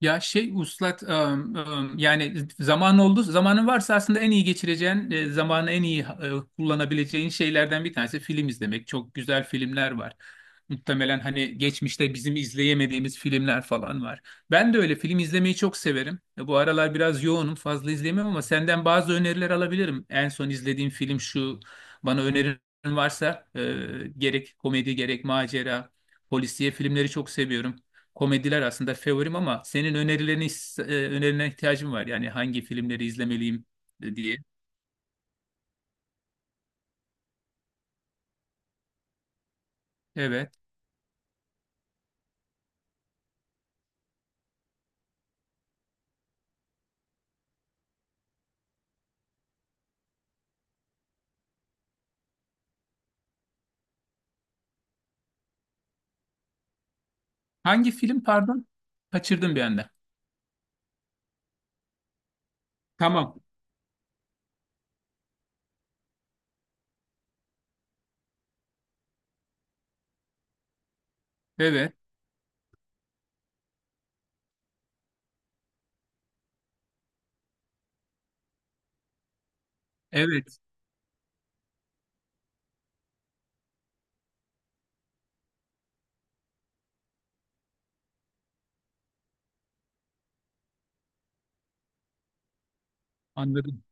Ya şey uslat yani zaman oldu, zamanın varsa aslında en iyi geçireceğin zamanı, en iyi kullanabileceğin şeylerden bir tanesi film izlemek. Çok güzel filmler var. Muhtemelen hani geçmişte bizim izleyemediğimiz filmler falan var. Ben de öyle film izlemeyi çok severim. Bu aralar biraz yoğunum, fazla izleyemiyorum ama senden bazı öneriler alabilirim. En son izlediğim film şu, bana önerin varsa gerek komedi gerek macera polisiye filmleri çok seviyorum, komediler aslında favorim ama senin önerilerine ihtiyacım var. Yani hangi filmleri izlemeliyim diye. Evet. Hangi film pardon? Kaçırdım bir anda. Tamam. Evet. Evet. Anladım.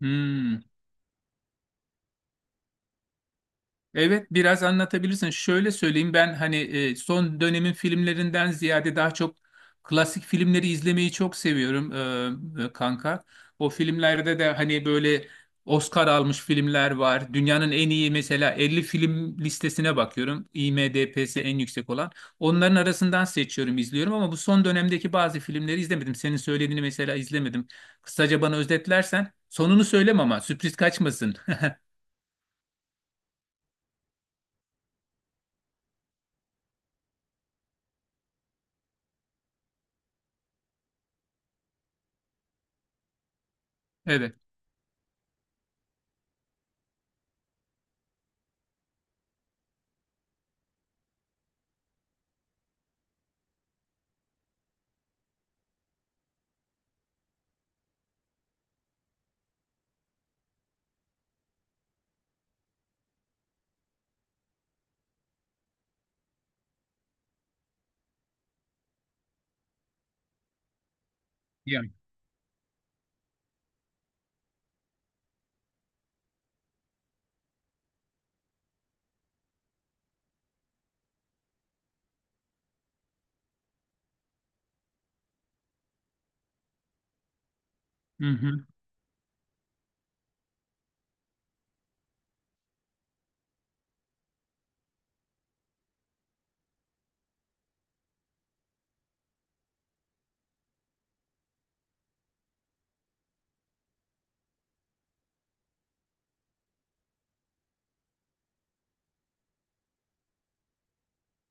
Hmm. Evet, biraz anlatabilirsin. Şöyle söyleyeyim, ben hani son dönemin filmlerinden ziyade daha çok klasik filmleri izlemeyi çok seviyorum kanka. O filmlerde de hani böyle Oscar almış filmler var. Dünyanın en iyi, mesela, 50 film listesine bakıyorum, IMDb'si en yüksek olan. Onların arasından seçiyorum, izliyorum ama bu son dönemdeki bazı filmleri izlemedim. Senin söylediğini mesela izlemedim. Kısaca bana özetlersen, sonunu söyleme ama, sürpriz kaçmasın. Evet. Yani.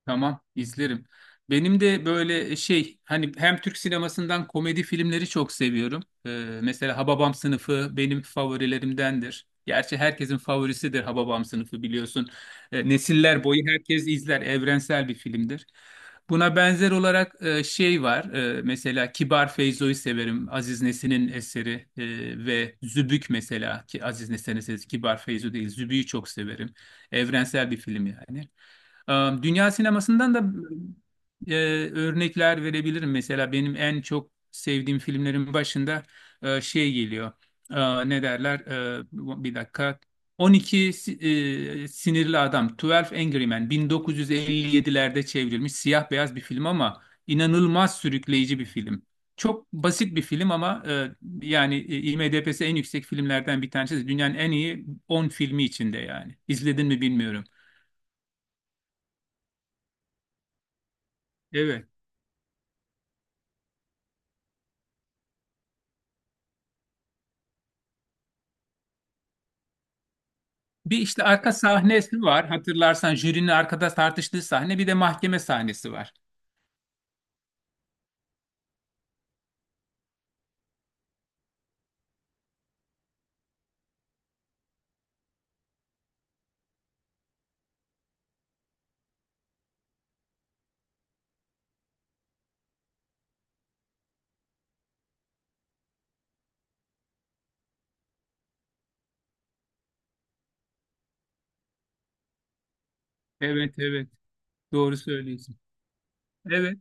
Tamam, izlerim. Benim de böyle şey, hani hem Türk sinemasından komedi filmleri çok seviyorum. Mesela Hababam Sınıfı benim favorilerimdendir. Gerçi herkesin favorisidir Hababam Sınıfı, biliyorsun. Nesiller boyu herkes izler. Evrensel bir filmdir. Buna benzer olarak şey var. Mesela Kibar Feyzo'yu severim. Aziz Nesin'in eseri ve Zübük, mesela ki Aziz Nesin'in eseri Kibar Feyzo değil. Zübük'ü çok severim. Evrensel bir film yani. Dünya sinemasından da e, örnekler verebilirim. Mesela benim en çok sevdiğim filmlerin başında şey geliyor. Ne derler? Bir dakika. 12 Sinirli Adam, 12 Angry Men, 1957'lerde çevrilmiş siyah beyaz bir film ama inanılmaz sürükleyici bir film. Çok basit bir film ama yani IMDb'si en yüksek filmlerden bir tanesi. Dünyanın en iyi 10 filmi içinde yani. İzledin mi bilmiyorum. Evet. Bir işte arka sahnesi var. Hatırlarsan, jürinin arkada tartıştığı sahne. Bir de mahkeme sahnesi var. Evet, evet. Doğru söylüyorsun. Evet.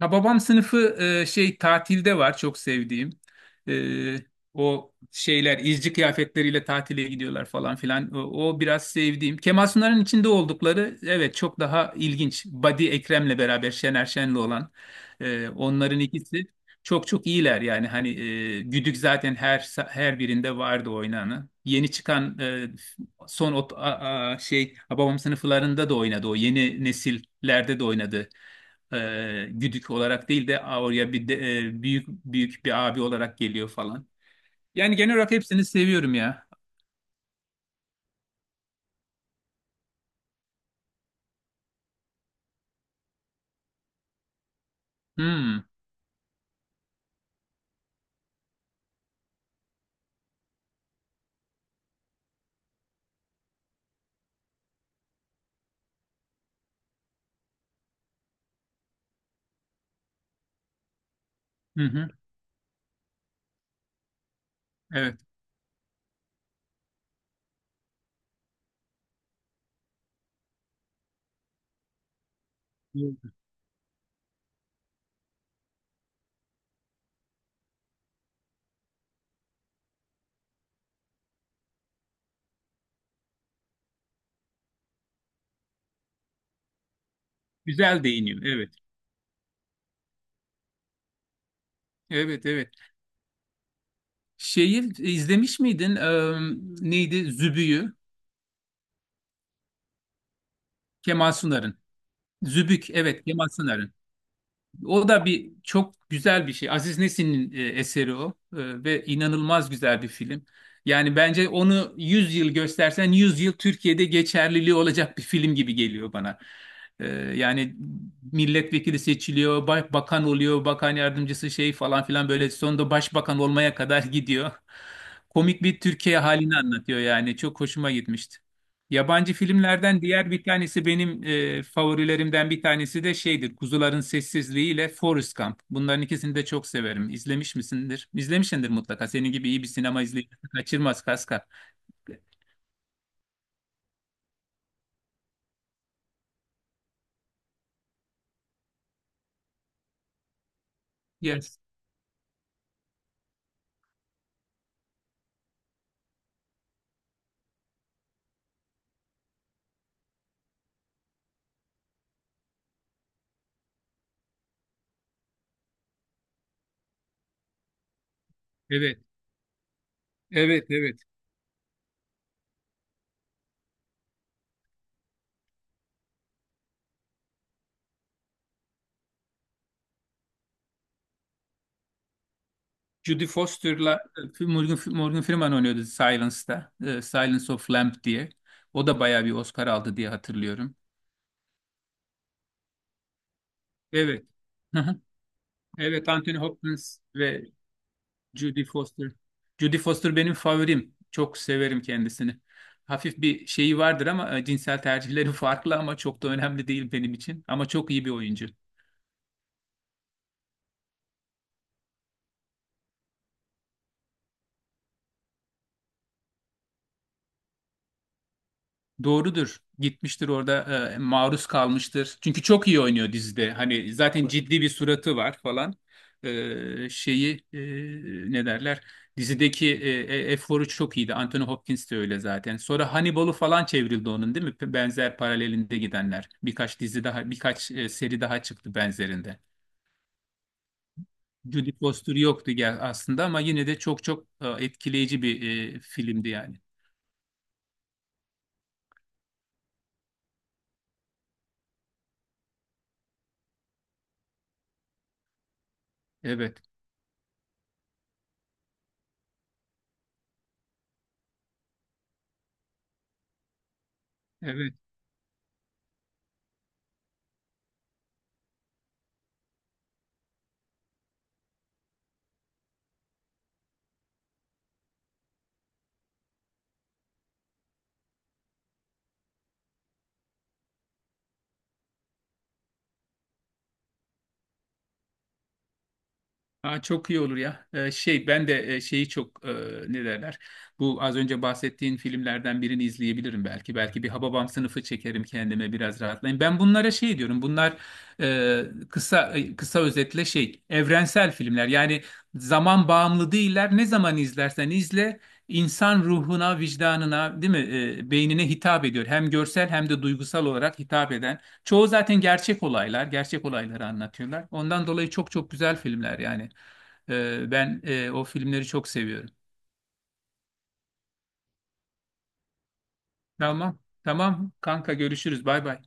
Ha, babam sınıfı şey tatilde var, çok sevdiğim. E, O şeyler izci kıyafetleriyle tatile gidiyorlar falan filan. O biraz sevdiğim. Kemal Sunal'ın içinde oldukları, evet, çok daha ilginç. Badi Ekrem'le beraber Şener Şen'le olan onların ikisi çok çok iyiler, yani hani Güdük zaten her birinde vardı oynanı. Yeni çıkan e, son ot, a- a- şey Hababam sınıflarında da oynadı, o yeni nesillerde de oynadı güdük olarak değil de, "Aa, oraya bir de, büyük büyük bir abi olarak geliyor falan. Yani genel olarak hepsini seviyorum ya. Hmm. Hı hı. Evet. Güzel değiniyor. Evet. Evet, evet. Şeyi izlemiş miydin? Neydi? Zübüyü. Kemal Sunar'ın. Zübük. Evet, Kemal Sunar'ın. O da bir çok güzel bir şey. Aziz Nesin'in eseri o. Ve inanılmaz güzel bir film. Yani bence onu 100 yıl göstersen 100 yıl Türkiye'de geçerliliği olacak bir film gibi geliyor bana. E, Yani milletvekili seçiliyor, bakan oluyor, bakan yardımcısı şey falan filan, böyle sonunda başbakan olmaya kadar gidiyor. Komik bir Türkiye halini anlatıyor yani. Çok hoşuma gitmişti. Yabancı filmlerden diğer bir tanesi, benim favorilerimden bir tanesi de şeydir: Kuzuların Sessizliği ile Forrest Gump. Bunların ikisini de çok severim. İzlemiş misindir? İzlemişsindir mutlaka. Senin gibi iyi bir sinema izleyicisi kaçırmaz, Kaskar. Yes. Evet. Evet, evet. Judy Foster'la Morgan Freeman oynuyordu Silence'da. Silence of Lamb diye. O da bayağı bir Oscar aldı diye hatırlıyorum. Evet. Hı hı. Evet, Anthony Hopkins ve Judy Foster. Judy Foster benim favorim. Çok severim kendisini. Hafif bir şeyi vardır ama cinsel tercihleri farklı ama çok da önemli değil benim için. Ama çok iyi bir oyuncu. Doğrudur. Gitmiştir orada, maruz kalmıştır. Çünkü çok iyi oynuyor dizide. Hani zaten ciddi bir suratı var falan. Şeyi ne derler? Dizideki eforu çok iyiydi. Anthony Hopkins de öyle zaten. Sonra Hannibal'u falan çevrildi onun, değil mi? Benzer paralelinde gidenler. Birkaç dizi daha, birkaç seri daha çıktı benzerinde. Jodie Foster yoktu gel aslında ama yine de çok çok etkileyici bir filmdi yani. Evet. Evet. Ha, çok iyi olur ya. Şey ben de şeyi çok ne derler? Bu az önce bahsettiğin filmlerden birini izleyebilirim belki. Belki bir Hababam sınıfı çekerim kendime, biraz rahatlayayım. Ben bunlara şey diyorum. Bunlar e, kısa özetle şey evrensel filmler. Yani zaman bağımlı değiller. Ne zaman izlersen izle, insan ruhuna, vicdanına, değil mi? Beynine hitap ediyor, hem görsel hem de duygusal olarak hitap eden. Çoğu zaten gerçek olaylar, gerçek olayları anlatıyorlar. Ondan dolayı çok çok güzel filmler yani. Ben o filmleri çok seviyorum. Tamam, tamam kanka görüşürüz. Bay bay.